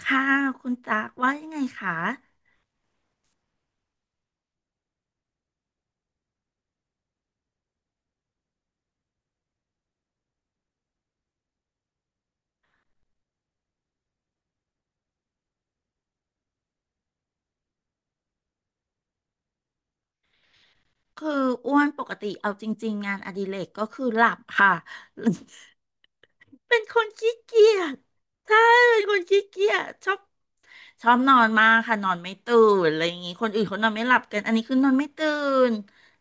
ค่ะคุณจากว่ายังไงคะคืออ้วนปกติเอาจริงๆงานอดิเรกก็คือหลับค่ะ เป็นคนขี้เกียจใช่เป็นคนขี้เกียจชอบชอบนอนมากค่ะนอนไม่ตื่นอะไรอย่างงี้คนอื่นเขานอนไม่หลับกันอันนี้คือนอนไม่ตื่น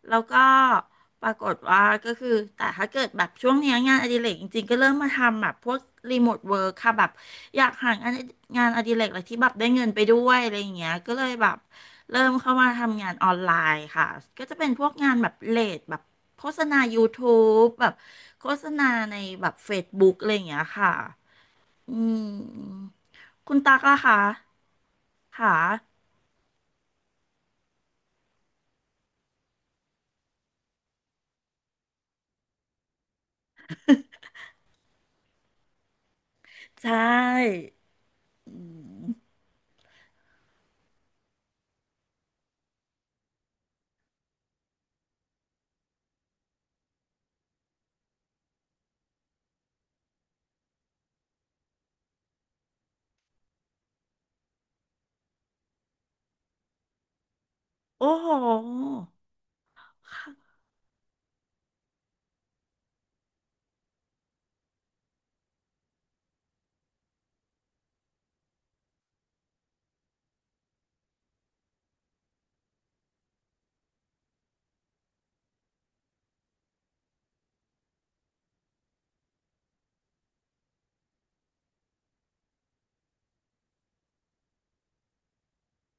แล้วก็ปรากฏว่าก็คือแต่ถ้าเกิดแบบช่วงเนี้ยงานอดิเรกจริงๆก็เริ่มมาทำแบบพวกรีโมทเวิร์คค่ะแบบ อยากหางานงานอดิเรกอะไรที่แบบได้เงินไปด้วยอะไรอย่างเงี้ยก็เลยแบบเริ่มเข้ามาทำงานออนไลน์ค่ะก็จะเป็นพวกงานแบบเลดแบบโฆษณา YouTube แบบโฆษณาในแบบ Facebook อะไรอย่างเงี้ยค่ะ อืมคุณตักล่ะคะค่ะใช่อืมโอ้โห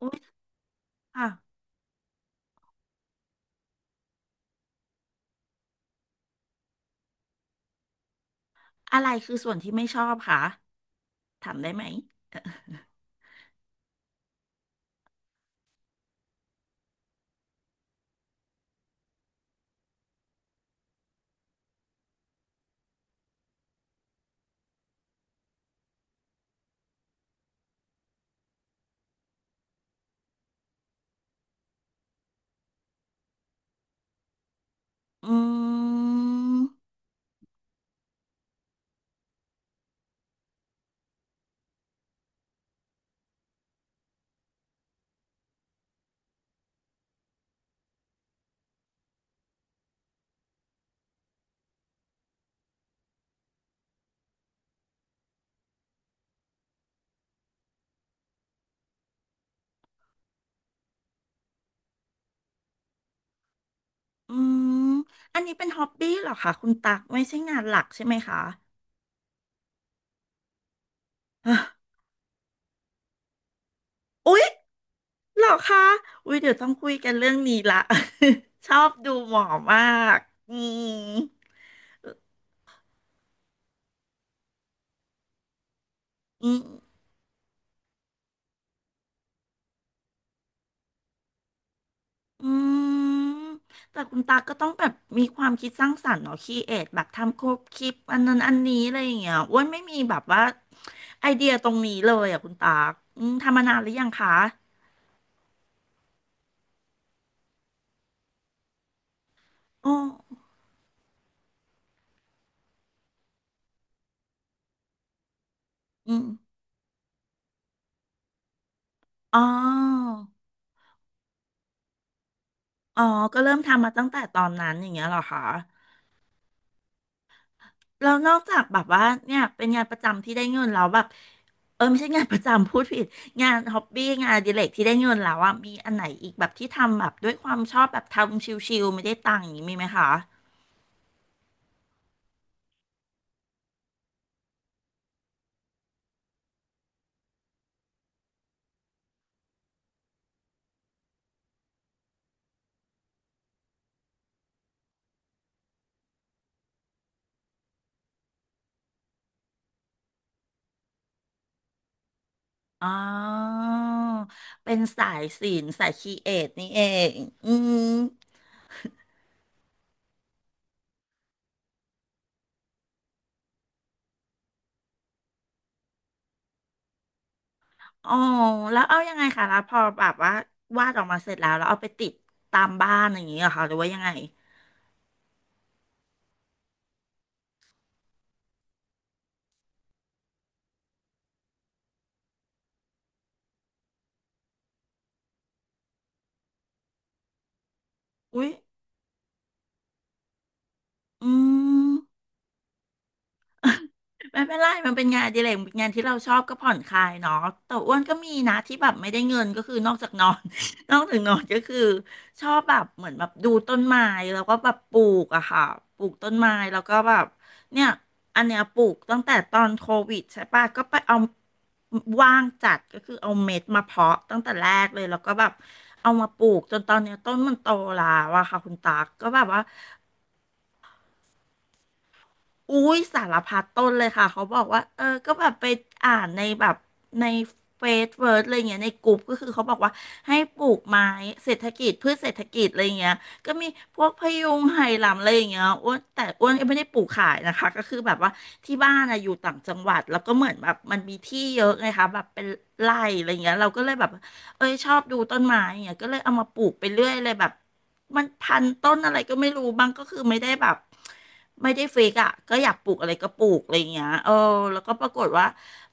อุ้ยค่ะอะไรคือส่วนที่ไม่ชอบคะถามได้ไหมอืม อืมอันนี้เป็นฮอบบี้เหรอคะคุณตักไม่ใช่งานหลักใช่ไหมคะอ่ะ อุ๊ยเหรอคะอุ๊ยเดี๋ยวต้องคุยกันเรื่องนี้ละ ชอบดูหมอมากอืมอืมอืมแต่คุณตาก็ต้องแบบมีความคิดสร้างสรรค์เนาะครีเอทแบบทำครบคลิปอันนั้นอันนี้อะไรอย่างเงี้ยอ้วนไม่มีแบบว่าไอเดียตรงนี้เลยอ่ะคุณตักอืมทำมานานหรือยังคะอ๋ออืมอ๋อ อ๋อ ก็เริ่มทำมาตั้งแต่ตอนนั้นอย่างเงี้ยเหรอคะแล้วนอกจากแบบว่าเนี่ยเป็นงานประจำที่ได้เงินแล้วแบบไม่ใช่งานประจำพูดผิดงานฮ็อบบี้งานอดิเรกที่ได้เงินแล้วอ่ะมีอันไหนอีกแบบที่ทำแบบด้วยความชอบแบบทำชิลๆไม่ได้ตังค์อย่างนี้มีไหมคะอ๋อเป็นสายศิลป์สายครีเอทนี่เองอืมอ๋อแล้วเอายังไงคะแล้วพอแบบว่าวาดออกมาเสร็จแล้วแล้วเอาไปติดตามบ้านอย่างนี้เหรอคะหรือว่ายังไงอุ้ยอืม ไม่เป็นไรมันเป็นงานอดิเรกงานที่เราชอบก็ผ่อนคลายเนาะแต่อ้วนก็มีนะที่แบบไม่ได้เงินก็คือนอกจากนอน นอกจากนอนก็คือชอบแบบเหมือนแบบดูต้นไม้แล้วก็แบบปลูกอะค่ะปลูกต้นไม้แล้วก็แบบเนี่ยอันเนี้ยปลูกตั้งแต่ตอนโควิดใช่ปะก็ไปเอาว่างจัดก็คือเอาเม็ดมาเพาะตั้งแต่แรกเลยแล้วก็แบบเอามาปลูกจนตอนเนี้ยต้นมันโตแล้วอะค่ะคุณตากก็แบบว่า อุ้ยสารพัดต้นเลยค่ะเขาบอกว่าก็แบบไปอ่านในแบบในเฟซเวิร์ดอะไรเงี้ยในกลุ่มก็คือเขาบอกว่าให้ปลูกไม้เศรษฐกิจพืชเศรษฐกิจอะไรเงี้ยก็มีพวกพะยุงไหหลำอะไรอย่างเงี้ยอ้วนแต่อ้วนก็ไม่ได้ปลูกขายนะคะก็คือแบบว่าที่บ้านอะอยู่ต่างจังหวัดแล้วก็เหมือนแบบมันมีที่เยอะไงคะแบบเป็นไร่อะไรเงี้ยเราก็เลยแบบเอ้ยชอบดูต้นไม้อย่างเงี้ยก็เลยเอามาปลูกไปเรื่อยเลยแบบ มันพันต้นอะไรก็ไม่รู้บางก็คือไม่ได้แบบไม่ได้เฟกอ่ะก็อยากปลูกอะไรก็ปลูกอะไรอย่างเงี้ยแล้วก็ปรากฏว่า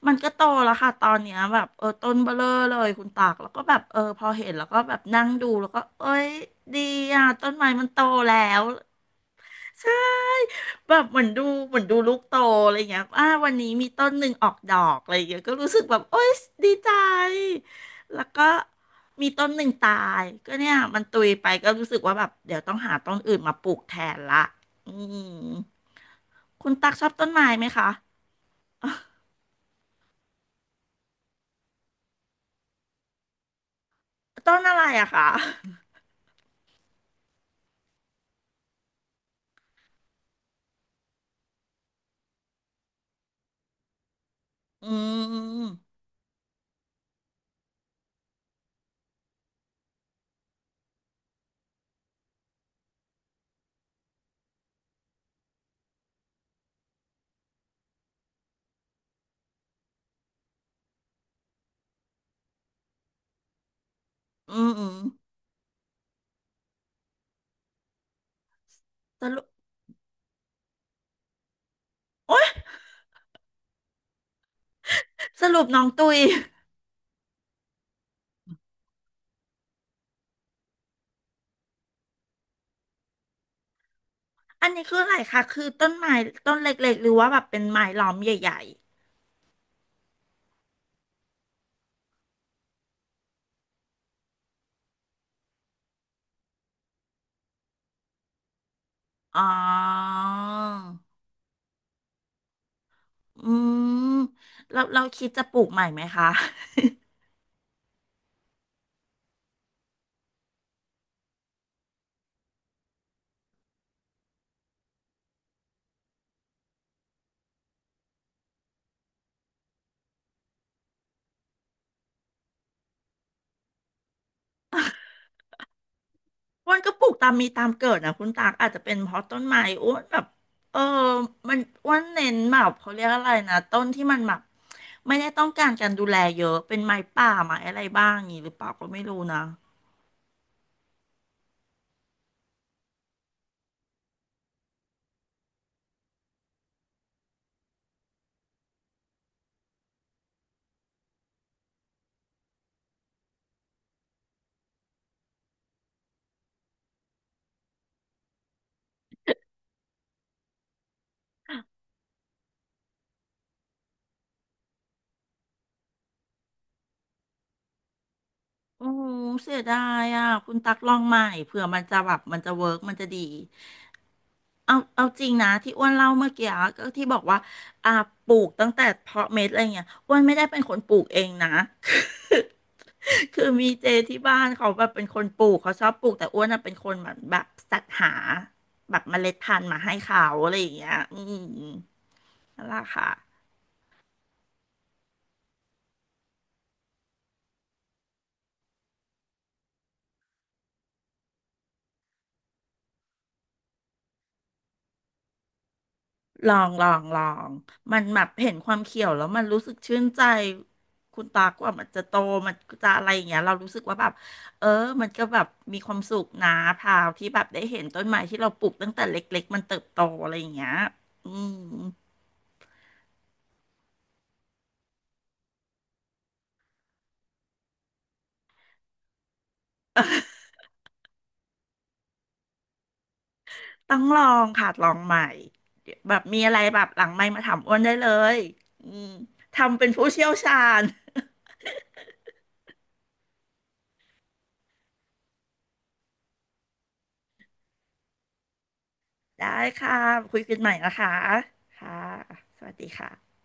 มันก็โตแล้วค่ะตอนเนี้ยแบบต้นเบ้อเร่อเลยคุณตากแล้วก็แบบพอเห็นแล้วก็แบบนั่งดูแล้วก็เอ้ยดีอ่ะต้นไม้มันโตแล้ว ใช่แบบเหมือนดูเหมือนดูลูกโตอะไรเงี้ยวันนี้มีต้นหนึ่งออกดอกอะไรเงี้ยก็รู้สึกแบบโอ๊ยดีใจแล้วก็มีต้นหนึ่งตายก็เนี่ยมันตุยไปก็รู้สึกว่าแบบเดี๋ยวต้องหาต้นอื่นมาปลูกแทนละอืมคุณตักชอบต้นไม้ไหมคะต้นอะไรอะคะอืมอืมอืมสรุปโอ๊ยสรุปน้องตุยอันนี้คืออะไรคะคือต้นไม้ต้นเล็กๆหรือว่าแบบเป็นไม้ล้อมใหญ่ อ๋ออืมเราเราคิดจะปลูกใหม่ไหมคะ อ้วนก็ปลูกตามมีตามเกิดนะคุณตากอาจจะเป็นเพราะต้นไม้อ้วนแบบเออมันอ้วนเน้นแบบเขาเรียกอะไรนะต้นที่มันแบบไม่ได้ต้องการการดูแลเยอะเป็นไม้ป่าไม้อะไรบ้างอย่างนี้หรือเปล่าก็ไม่รู้นะโอ้เสียดายอ่ะคุณตักลองใหม่เผื่อมันจะแบบมันจะเวิร์กมันจะดี เอาเอาจริงนะที่อ้วนเล่าเมื่อกี้อะก็ที่บอกว่าอ่าปลูกตั้งแต่เพาะเม็ดอะไรเงี้ยอ้วนไม่ได้เป็นคนปลูกเองนะ คือคือมีเจที่บ้านเขาแบบเป็นคนปลูกเขาชอบปลูกแต่อ้วนน่ะเป็นคนแบบแบบสรรหาแบบเมล็ดพันธุ์มาให้เขาอะไรอย่างเงี้ยอืมนั่นแหละค่ะ ลองลองลอง มันแบบเห็นความเขียวแล้วมันรู้สึกชื่นใจ คุณตากว่ามันจะโตมันจะอะไรอย่างเงี้ยเรารู้สึกว่าแบบเออมันก็แบบมีความสุขนะพราวที่แบบได้เห็นต้นไม้ที่เราปลูกตั้งแต่เล็กๆมันเติบโตอะไรอย่างเงี้ยอืมต้องลองค่ะลองใหม่เดี๋ยวแบบมีอะไรแบบหลังไมค์มาถามอ้วนได้เลยอืมทำเป็นผู้เชี่ยวชาญได้ค่ะคุยกันใหม่นะคะค่ะสวัสดีค่ะ